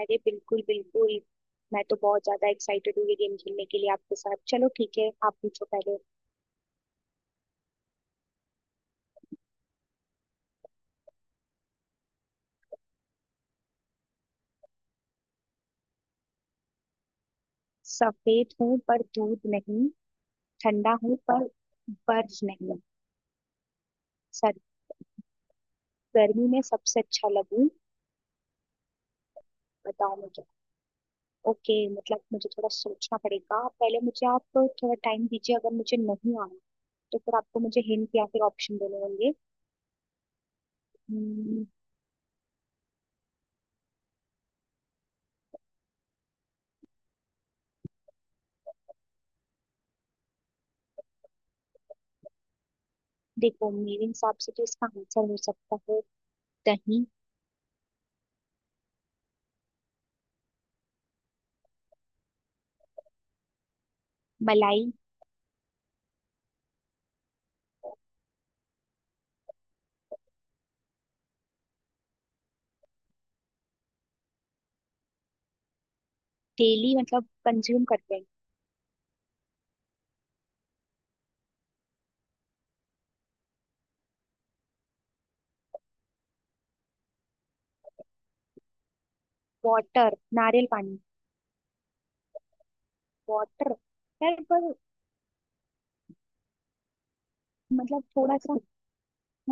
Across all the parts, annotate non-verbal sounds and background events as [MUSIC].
अरे बिल्कुल बिल्कुल, मैं तो बहुत ज्यादा एक्साइटेड हूँ ये गेम खेलने के लिए आपके साथ। चलो ठीक है, आप पूछो पहले। सफेद हूँ पर दूध नहीं, ठंडा हूँ पर बर्फ नहीं। सर, गर्मी में सबसे अच्छा लगूं, बताओ मुझे। ओके, मतलब मुझे थोड़ा सोचना पड़ेगा। पहले मुझे आप थोड़ा टाइम दीजिए। अगर मुझे नहीं आना तो फिर आपको मुझे हिंट या फिर ऑप्शन देने होंगे। हम्म, देखो मेरे हिसाब से तो इसका आंसर हो सकता है दही। मलाई। डेली मतलब कंज्यूम करते हैं? वाटर, नारियल पानी, वाटर। यार पर, मतलब थोड़ा सा।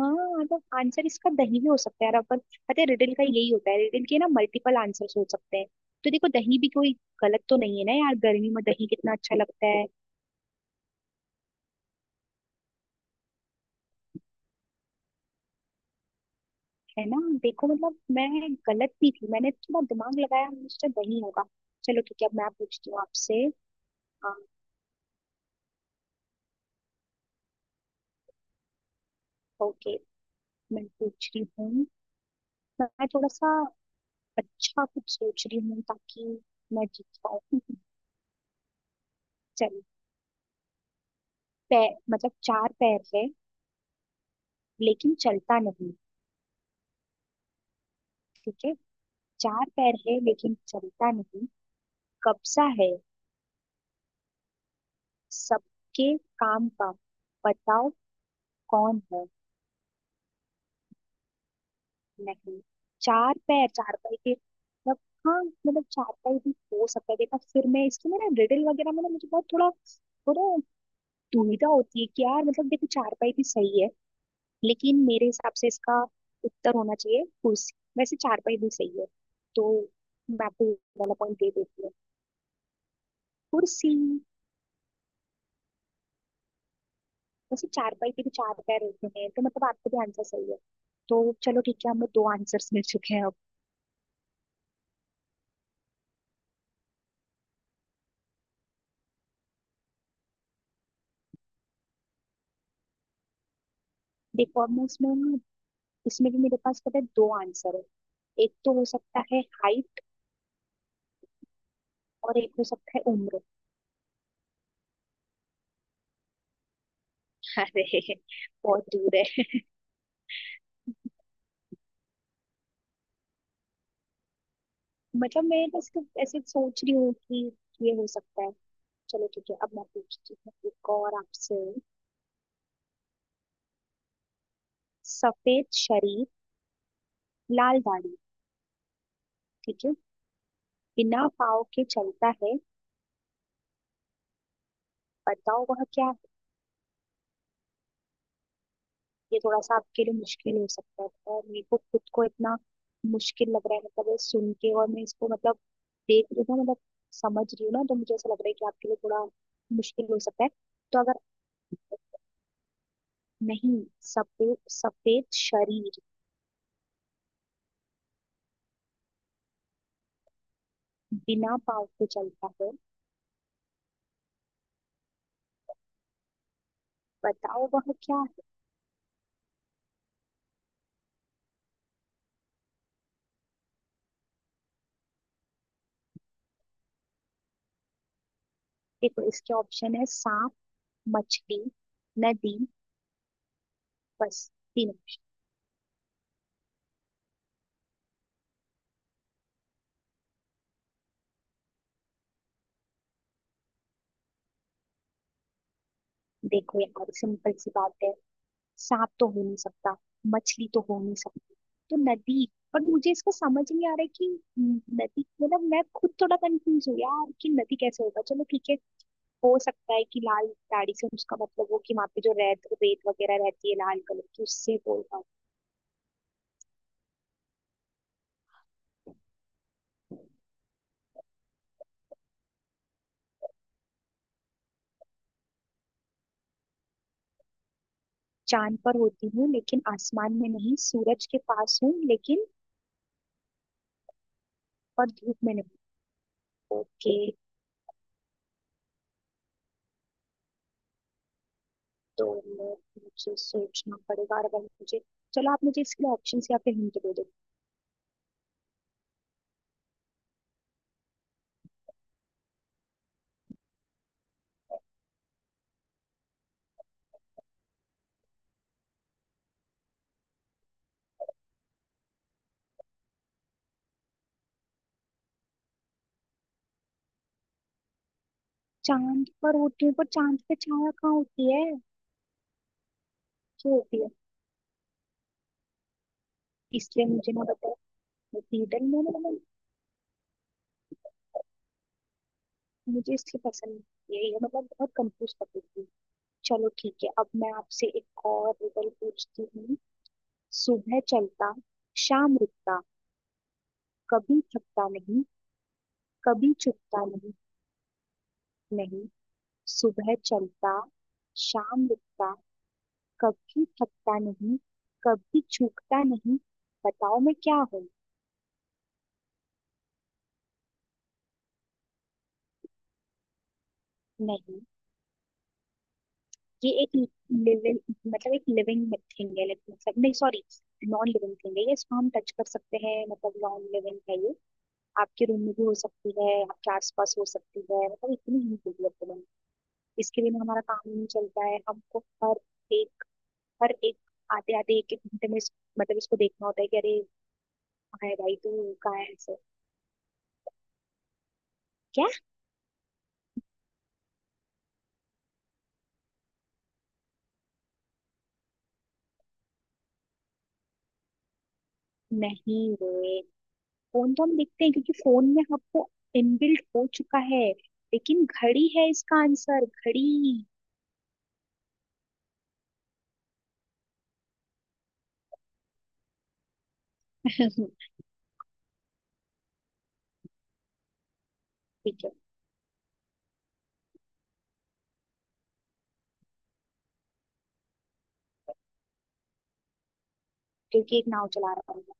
हाँ, मतलब आंसर इसका दही भी हो सकता है यार अपन। पता है रिडल का यही होता है, रिडल के ना मल्टीपल आंसर्स हो सकते हैं। तो देखो दही भी कोई गलत तो नहीं है ना यार, गर्मी में दही कितना अच्छा लगता है ना। देखो मतलब मैं गलत नहीं थी, मैंने थोड़ा दिमाग लगाया, मुझसे दही होगा। चलो ठीक है, अब मैं पूछती हूँ आपसे। हाँ। ओके, मैं पूछ रही हूँ। मैं थोड़ा सा अच्छा कुछ सोच रही हूँ ताकि मैं जीत पाऊँ। [LAUGHS] चलो। पैर, मतलब चार पैर है लेकिन चलता नहीं। ठीक है। चार पैर है लेकिन चलता नहीं, कब्जा है सबके काम का, बताओ कौन है। नहीं, चार पैर, चार पैर के मतलब, हाँ मतलब चार पैर भी हो सकता है। देखा, फिर मैं इसके में ना, रिडल वगैरह में ना मुझे बहुत थोड़ा थोड़ा दुविधा होती है कि यार, मतलब देखो चार पाई भी सही है लेकिन मेरे हिसाब से इसका उत्तर होना चाहिए कुर्सी। वैसे चार पाई भी सही है, तो मैं आपको ये वाला पॉइंट दे देती हूँ। कुर्सी। वैसे चारपाई के भी चार पैर होते हैं तो मतलब आपका भी आंसर सही है। तो चलो ठीक है, हमें दो आंसर्स मिल चुके हैं अब। देखो, अब मैं इसमें इसमें भी मेरे पास पता है दो आंसर है। एक तो हो सकता है हाइट और एक हो सकता है उम्र। [LAUGHS] अरे, बहुत दूर है। मतलब मैं बस तो ऐसे सोच रही हूँ कि ये हो सकता है। चलो ठीक है, अब मैं पूछती हूँ एक और आपसे। सफेद शरीर, लाल दाढ़ी। ठीक है। बिना पाँव के चलता है, बताओ वह क्या। ये थोड़ा सा आपके लिए मुश्किल हो सकता है और मेरे को खुद को इतना मुश्किल लग रहा है, मतलब ये सुन के और मैं इसको मतलब देख रही हूँ ना, मतलब समझ रही हूँ ना, तो मुझे ऐसा लग रहा है कि आपके लिए थोड़ा मुश्किल हो सकता है। तो अगर, नहीं, सफेद सफेद शरीर, बिना पाँव के चलता है, बताओ वह क्या है। देखो इसके ऑप्शन है सांप, मछली, नदी, बस, तीन option। देखो यार, सिंपल सी बात है, सांप तो हो नहीं सकता, मछली तो हो नहीं सकता, तो नदी। और मुझे इसका समझ नहीं आ रहा है कि नदी, मतलब मैं खुद थोड़ा कंफ्यूज हूँ यार कि नदी कैसे होगा। चलो ठीक है, हो सकता है कि लाल दाढ़ी से उसका मतलब हो कि वहां पे जो रेत रेत वगैरह रहती है लाल कलर की, उससे बोलता हूँ। चांद पर होती हूँ लेकिन आसमान में नहीं, सूरज के पास हूँ लेकिन, और धूप में नहीं। ओके, तो मुझे सोचना पड़ेगा और अगर मुझे, चलो आप मुझे इसके ऑप्शन या फिर हिंट दे दो। चांद पर होती हूँ पर चांद पे छाया कहाँ होती है, क्यों होती है? इसलिए मुझे ना पता, रिडल में ना मतलब, मुझे इसलिए पसंद नहीं है ये, मतलब बहुत कंफ्यूज कर देती है। चलो ठीक है, अब मैं आपसे एक और रिडल पूछती हूँ। सुबह चलता, शाम रुकता, कभी थकता नहीं, कभी चुकता नहीं। नहीं। सुबह चलता, शाम रुकता, कभी थकता नहीं, कभी चूकता नहीं, बताओ मैं क्या हूँ। नहीं, ये एक लिविंग, मतलब एक लिविंग थिंग है, like मतलब नहीं सॉरी, नॉन लिविंग थिंग है ये, इसको हम टच कर सकते हैं, मतलब नॉन लिविंग है ये। आपके रूम में भी हो सकती है, आपके आसपास हो सकती है, मतलब इतनी ही डेवलपमेंट है, इसके बिना हमारा काम नहीं चलता है। हमको एक हर एक आते आते, एक एक घंटे में मतलब इसको देखना होता है कि अरे कहाँ है भाई तू, कहाँ है ऐसे, क्या। नहीं रे, फोन तो हम देखते हैं क्योंकि फोन में आपको इनबिल्ट हो चुका है, लेकिन घड़ी है इसका आंसर, घड़ी। ठीक है, क्योंकि एक नाव चला रहा होगा,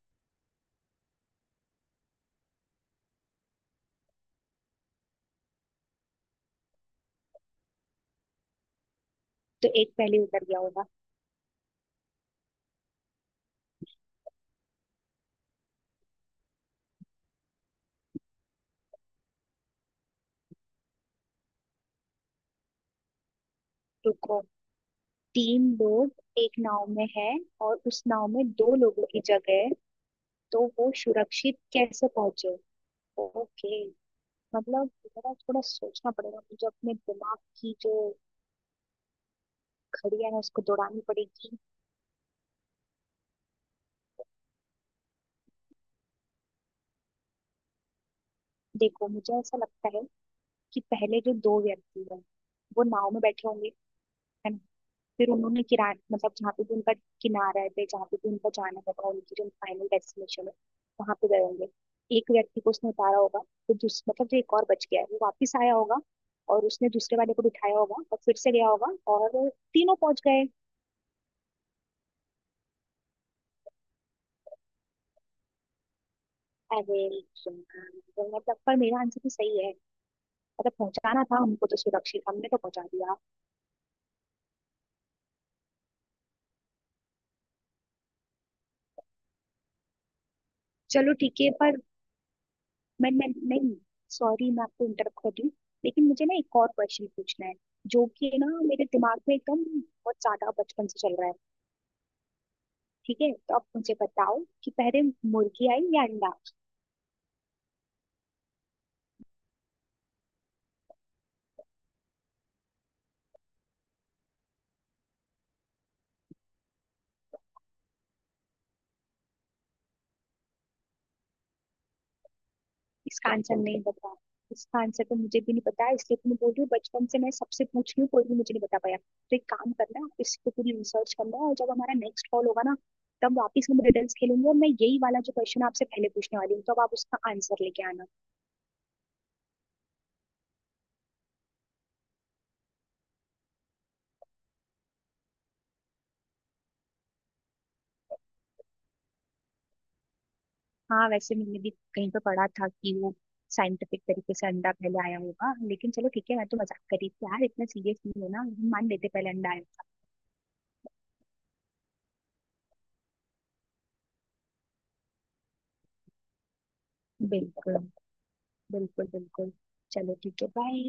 तो एक पहले उतर गया होगा। रुको, तीन लोग एक नाव में है और उस नाव में दो लोगों की जगह है, तो वो सुरक्षित कैसे पहुंचे। ओके, मतलब मेरा थोड़ा सोचना पड़ेगा, मुझे अपने दिमाग की जो घड़ियां है उसको दौड़ानी पड़ेगी। देखो मुझे ऐसा लगता है कि पहले जो दो व्यक्ति हैं, वो नाव में बैठे होंगे, है ना। फिर उन्होंने किराया, मतलब जहाँ पे भी उनका किनारा है, जहाँ पे भी उनका जाना होगा, उनकी जो फाइनल डेस्टिनेशन है, वहां पे गए होंगे। एक व्यक्ति को उसने उतारा होगा, तो दूस मतलब जो एक और बच गया है वो वापस आया होगा और उसने दूसरे वाले को बिठाया होगा और फिर से गया होगा, और तीनों पहुंच गए। अरे यार, मतलब पर मेरा आंसर भी सही है, मतलब पहुंचाना था हमको तो सुरक्षित, हमने तो पहुंचा दिया। चलो ठीक है पर, मैं नहीं, सॉरी मैं आपको इंटरप्ट कर रही हूँ, लेकिन मुझे ना एक और क्वेश्चन पूछना है जो कि ना मेरे दिमाग में एकदम बहुत ज्यादा बचपन से चल रहा है। ठीक है, तो आप मुझे बताओ कि पहले मुर्गी आई या अंडा। इसका आंसर नहीं बता, इसका आंसर तो मुझे भी नहीं पता, इसलिए तो मैं बोल रही हूँ बचपन से मैं सबसे पूछ रही हूँ कोई भी मुझे नहीं बता पाया। तो एक काम करना, आप इस पे पूरी रिसर्च करना, और जब हमारा नेक्स्ट कॉल होगा ना, तब वापस हम रिडल्स खेलेंगे, और मैं यही वाला जो क्वेश्चन आपसे पहले पूछने वाली हूँ, तब आप उसका आंसर लेके आना। हाँ, वैसे मैंने भी कहीं पर पढ़ा था कि वो साइंटिफिक तरीके से अंडा पहले आया होगा, लेकिन चलो ठीक है, मैं तो मजाक कर रही थी यार, इतना सीरियस नहीं होना, हम मान लेते पहले अंडा आया था। बिल्कुल, बिल्कुल बिल्कुल। चलो ठीक है, बाय।